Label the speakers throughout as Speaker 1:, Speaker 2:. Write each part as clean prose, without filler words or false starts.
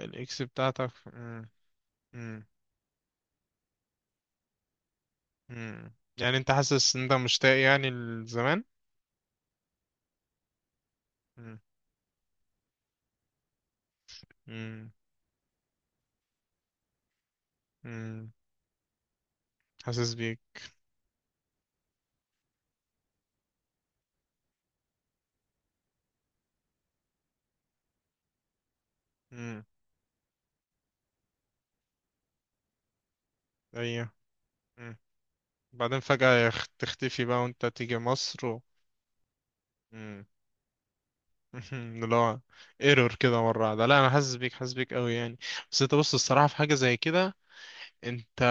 Speaker 1: الاكس بتاعتك مم. مم. مم. يعني انت حاسس ان انت مشتاق يعني لزمان مم. مم. مم. حاسس بيك مم. ايوه مم. بعدين فجأة تختفي بقى وانت تيجي مصر مم. اللي هو ايرور كده مرة واحدة. لا انا حاسس بيك حاسس بيك قوي يعني. بس انت بص، الصراحة في حاجة زي كده، انت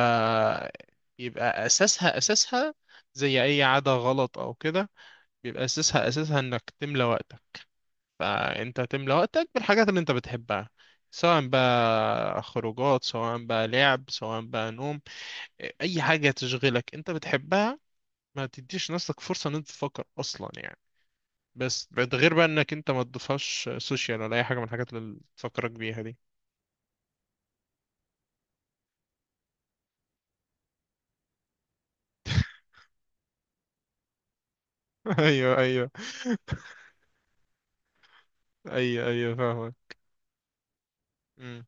Speaker 1: يبقى اساسها اساسها زي اي عادة غلط او كده بيبقى اساسها اساسها انك تملى وقتك، فانت تملى وقتك بالحاجات اللي انت بتحبها، سواء بقى خروجات سواء بقى لعب سواء بقى نوم، اي حاجة تشغلك انت بتحبها، ما تديش نفسك فرصة ان انت تفكر اصلا يعني. بس ده غير بقى انك انت ما تضيفهاش سوشيال ولا اي حاجة من الحاجات اللي تفكرك بيها دي. ايوه ايوه. ايوه ايوه فاهمك. مم.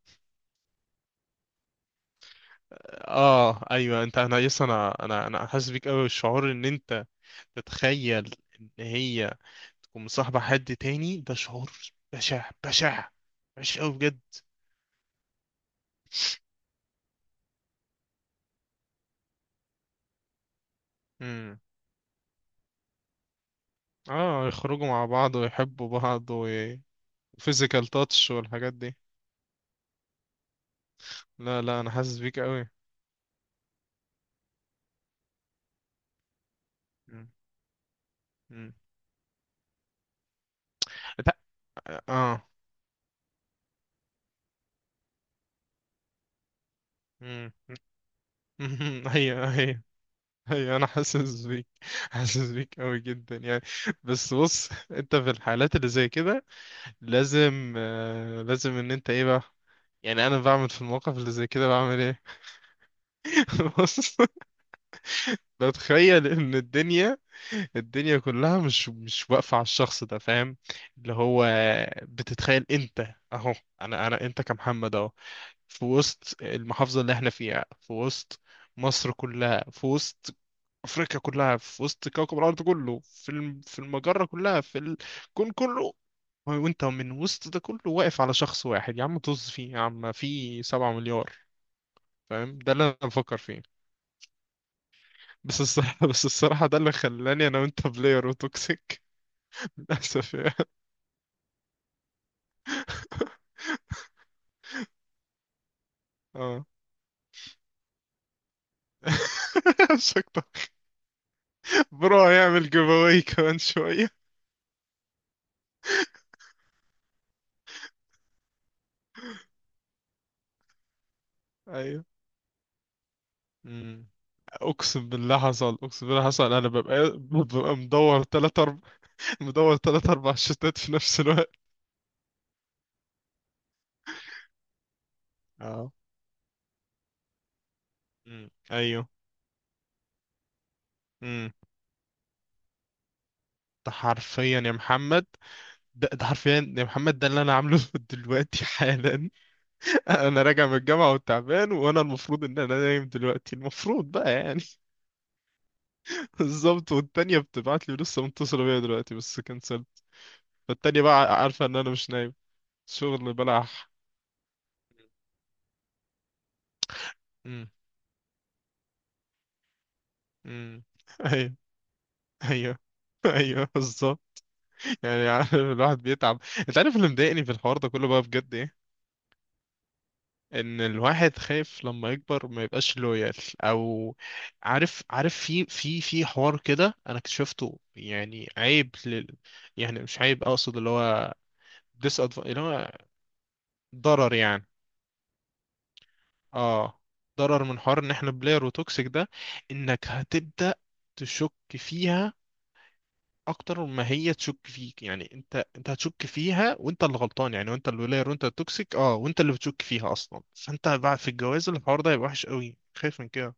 Speaker 1: اه ايوه، انت انا يس، انا حاسس بيك قوي. الشعور ان انت تتخيل ان هي ومصاحبة حد تاني، ده شعور بشع بشع، وحش أوي بجد. امم اه، يخرجوا مع بعض ويحبوا بعض وفيزيكال تاتش والحاجات دي. لا لا انا حاسس بيك قوي. مم. مم. لا. اه. مم. مم. ايوه ايوه. ايوه انا حاسس بيك، حاسس بيك قوي جدا يعني. بس بص انت في الحالات اللي زي كده لازم لازم ان انت ايه بقى. يعني انا بعمل في المواقف اللي زي كده، بعمل ايه؟ بص، لو تخيل ان الدنيا كلها مش واقفة على الشخص ده، فاهم؟ اللي هو بتتخيل انت اهو، انا انا انت كمحمد اهو في وسط المحافظة اللي احنا فيها، في وسط مصر كلها، في وسط افريقيا كلها، في وسط كوكب الارض كله، في في المجرة كلها، في الكون كله، وانت من وسط ده كله واقف على شخص واحد؟ يا عم طز فيه، يا عم في 7 مليار. فاهم؟ ده اللي انا بفكر فيه. بس الصراحة، بس الصراحة ده اللي خلاني أنا وأنت بلاير وتوكسيك، للأسف يعني. اه. شكرا. برو هيعمل جيف أواي كمان شوية. أيوه. مم. أقسم بالله حصل، أقسم بالله حصل، أنا ببقى مدور تلات أربع. مدور تلات أربع شتات في نفس الوقت. اه. مم. أيوه. مم. ده حرفيا يا محمد، ده حرفيا يا محمد، ده اللي أنا عامله دلوقتي حالا. انا راجع من الجامعه وتعبان، وانا المفروض ان انا نايم دلوقتي، المفروض بقى يعني. بالظبط. والتانيه بتبعت لي، لسه متصله بيا دلوقتي بس كنسلت، فالتانيه بقى عارفه ان انا مش نايم. شغل بلح. امم امم ايوه ايوه. ايوه بالظبط. يعني عارف، الواحد بيتعب. انت عارف اللي مضايقني في الحوار ده كله بقى بجد ايه؟ ان الواحد خايف لما يكبر ما يبقاش لويال. او عارف، في حوار كده انا اكتشفته، يعني عيب يعني مش عيب، اقصد اللي هو ديس، اللي هو ضرر يعني. اه، ضرر من حوار ان احنا بلاير وتوكسيك ده، انك هتبدأ تشك فيها اكتر ما هي تشك فيك. يعني انت هتشك فيها، وانت اللي غلطان يعني، وانت اللي بلاير، وانت التوكسيك اه، وانت اللي بتشك فيها اصلا، فانت بقى في الجواز الحوار ده هيبقى وحش قوي، خايف من كده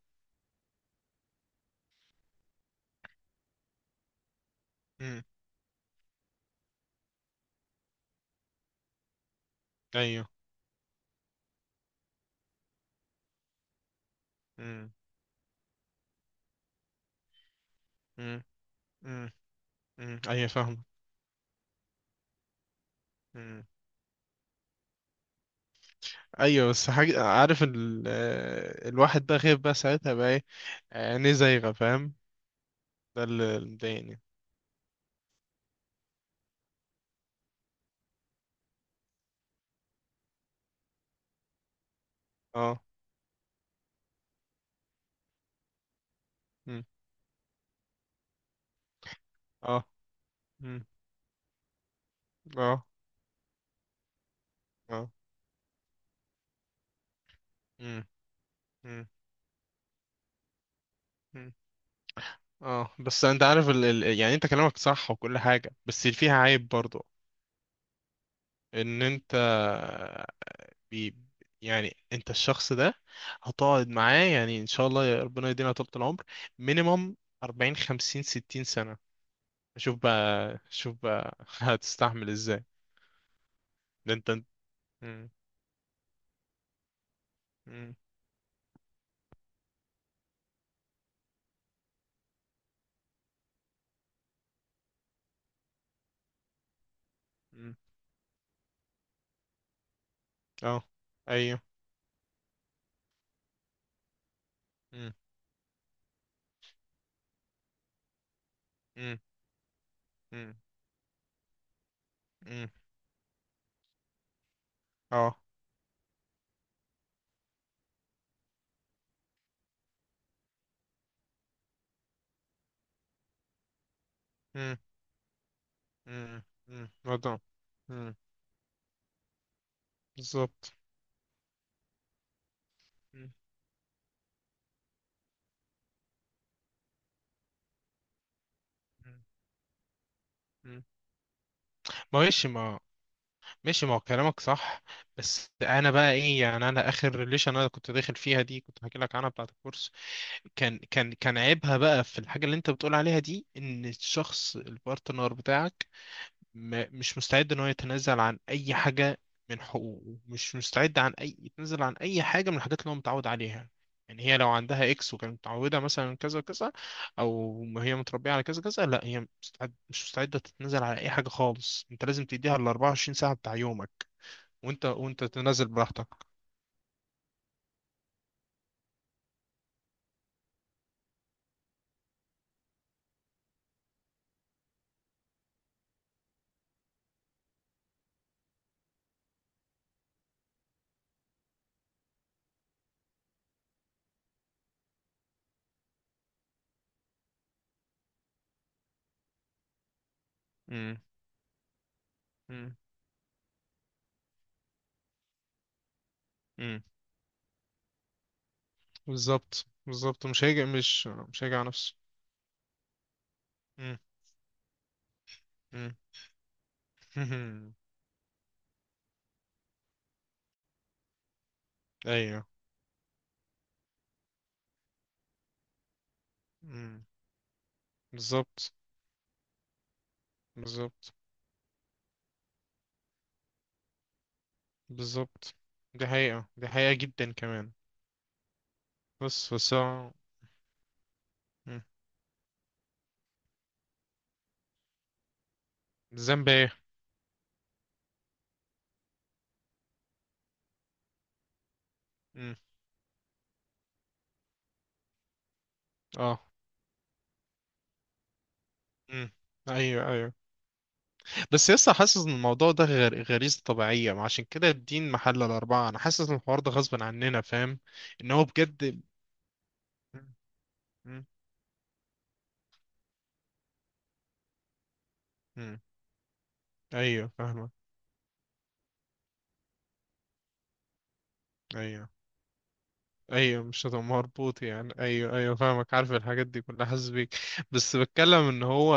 Speaker 1: ايوه. امم امم امم امم. ايوه فاهم. امم. ايوه بس حاجه، عارف الواحد بقى خايف بقى ساعتها بقى ايه، عينيه زايغه فاهم، ده اللي مضايقني. اه. امم. اه. امم. اه. اه. امم امم. أمم. اه بس انت عارف يعني، انت كلامك صح وكل حاجه، بس اللي فيها عيب برضو ان انت بي يعني، انت الشخص ده هتقعد معاه يعني ان شاء الله يا ربنا يدينا طول العمر، مينيمم 40 50 60 سنة، شوف بقى شوف بقى هتستحمل ازاي؟ ده انت. مم. مم. مم. اه. ايوه. مم. مم. مم. مم. اه. مم. مم. مم. وضع. مم. بالظبط. مم. مم. مم. ماشي ما ماشي، ما هو كلامك صح، بس انا بقى ايه؟ يعني انا اخر ريليشن انا كنت داخل فيها دي، كنت هحكي لك عنها بتاعت الكورس، كان عيبها بقى في الحاجة اللي انت بتقول عليها دي، ان الشخص البارتنر بتاعك ما مش مستعد ان هو يتنازل عن اي حاجة من حقوقه، مش مستعد عن اي يتنازل عن اي حاجة من الحاجات اللي هو متعود عليها. يعني هي لو عندها اكس وكانت متعودة مثلا كذا كذا، او ما هي متربية على كذا كذا، لا، هي مش مستعدة تتنازل على اي حاجة خالص. انت لازم تديها ال 24 ساعة بتاع يومك، وانت تنازل براحتك. امم. امم. امم. بالظبط بالظبط، مش هيجي، مش هيجي على نفسه. مم. مم. ايوه. مم. بالظبط بالظبط بالظبط، دي حقيقة، دي حقيقة جدا كمان. بس مم. الذنب ايه؟ مم. اه. مم. ايوه ايوه. بس لسه حاسس ان الموضوع ده غير غريزة طبيعية، ما عشان كده الدين محل الأربعة، انا حاسس ان الحوار ده غصب عننا فاهم؟ ان هو بجد. مم. مم. مم. ايوه فاهمك. ايوه ايوه، مش هتبقى مربوط يعني، ايوه ايوه فاهمك، عارف الحاجات دي كلها، حاسس بيك. بس بتكلم ان هو،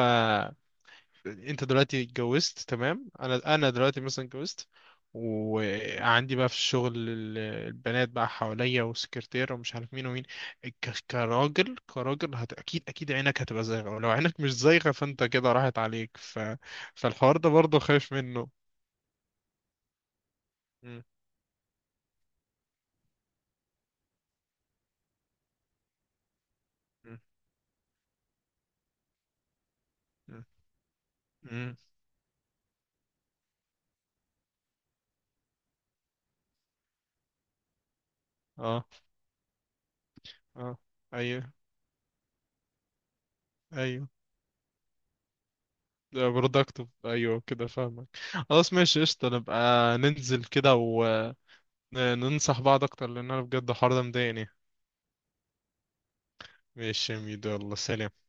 Speaker 1: انت دلوقتي اتجوزت تمام، انا دلوقتي مثلا اتجوزت، وعندي بقى في الشغل البنات بقى حواليا وسكرتيرة ومش عارف مين ومين، كراجل كراجل اكيد اكيد عينك هتبقى زايغة، ولو عينك مش زايغة فانت كده راحت عليك فالحوار ده برضه خايف منه. مم. مم. مم. مم. اه. اه. ايوه ايوه، برودكتيف ايوه، كده فاهمك. خلاص ماشي قشطة، نبقى ننزل كده وننصح بعض اكتر، لان انا بجد الحوار ده مضايقني. ماشي يا ميدو، يلا سلام.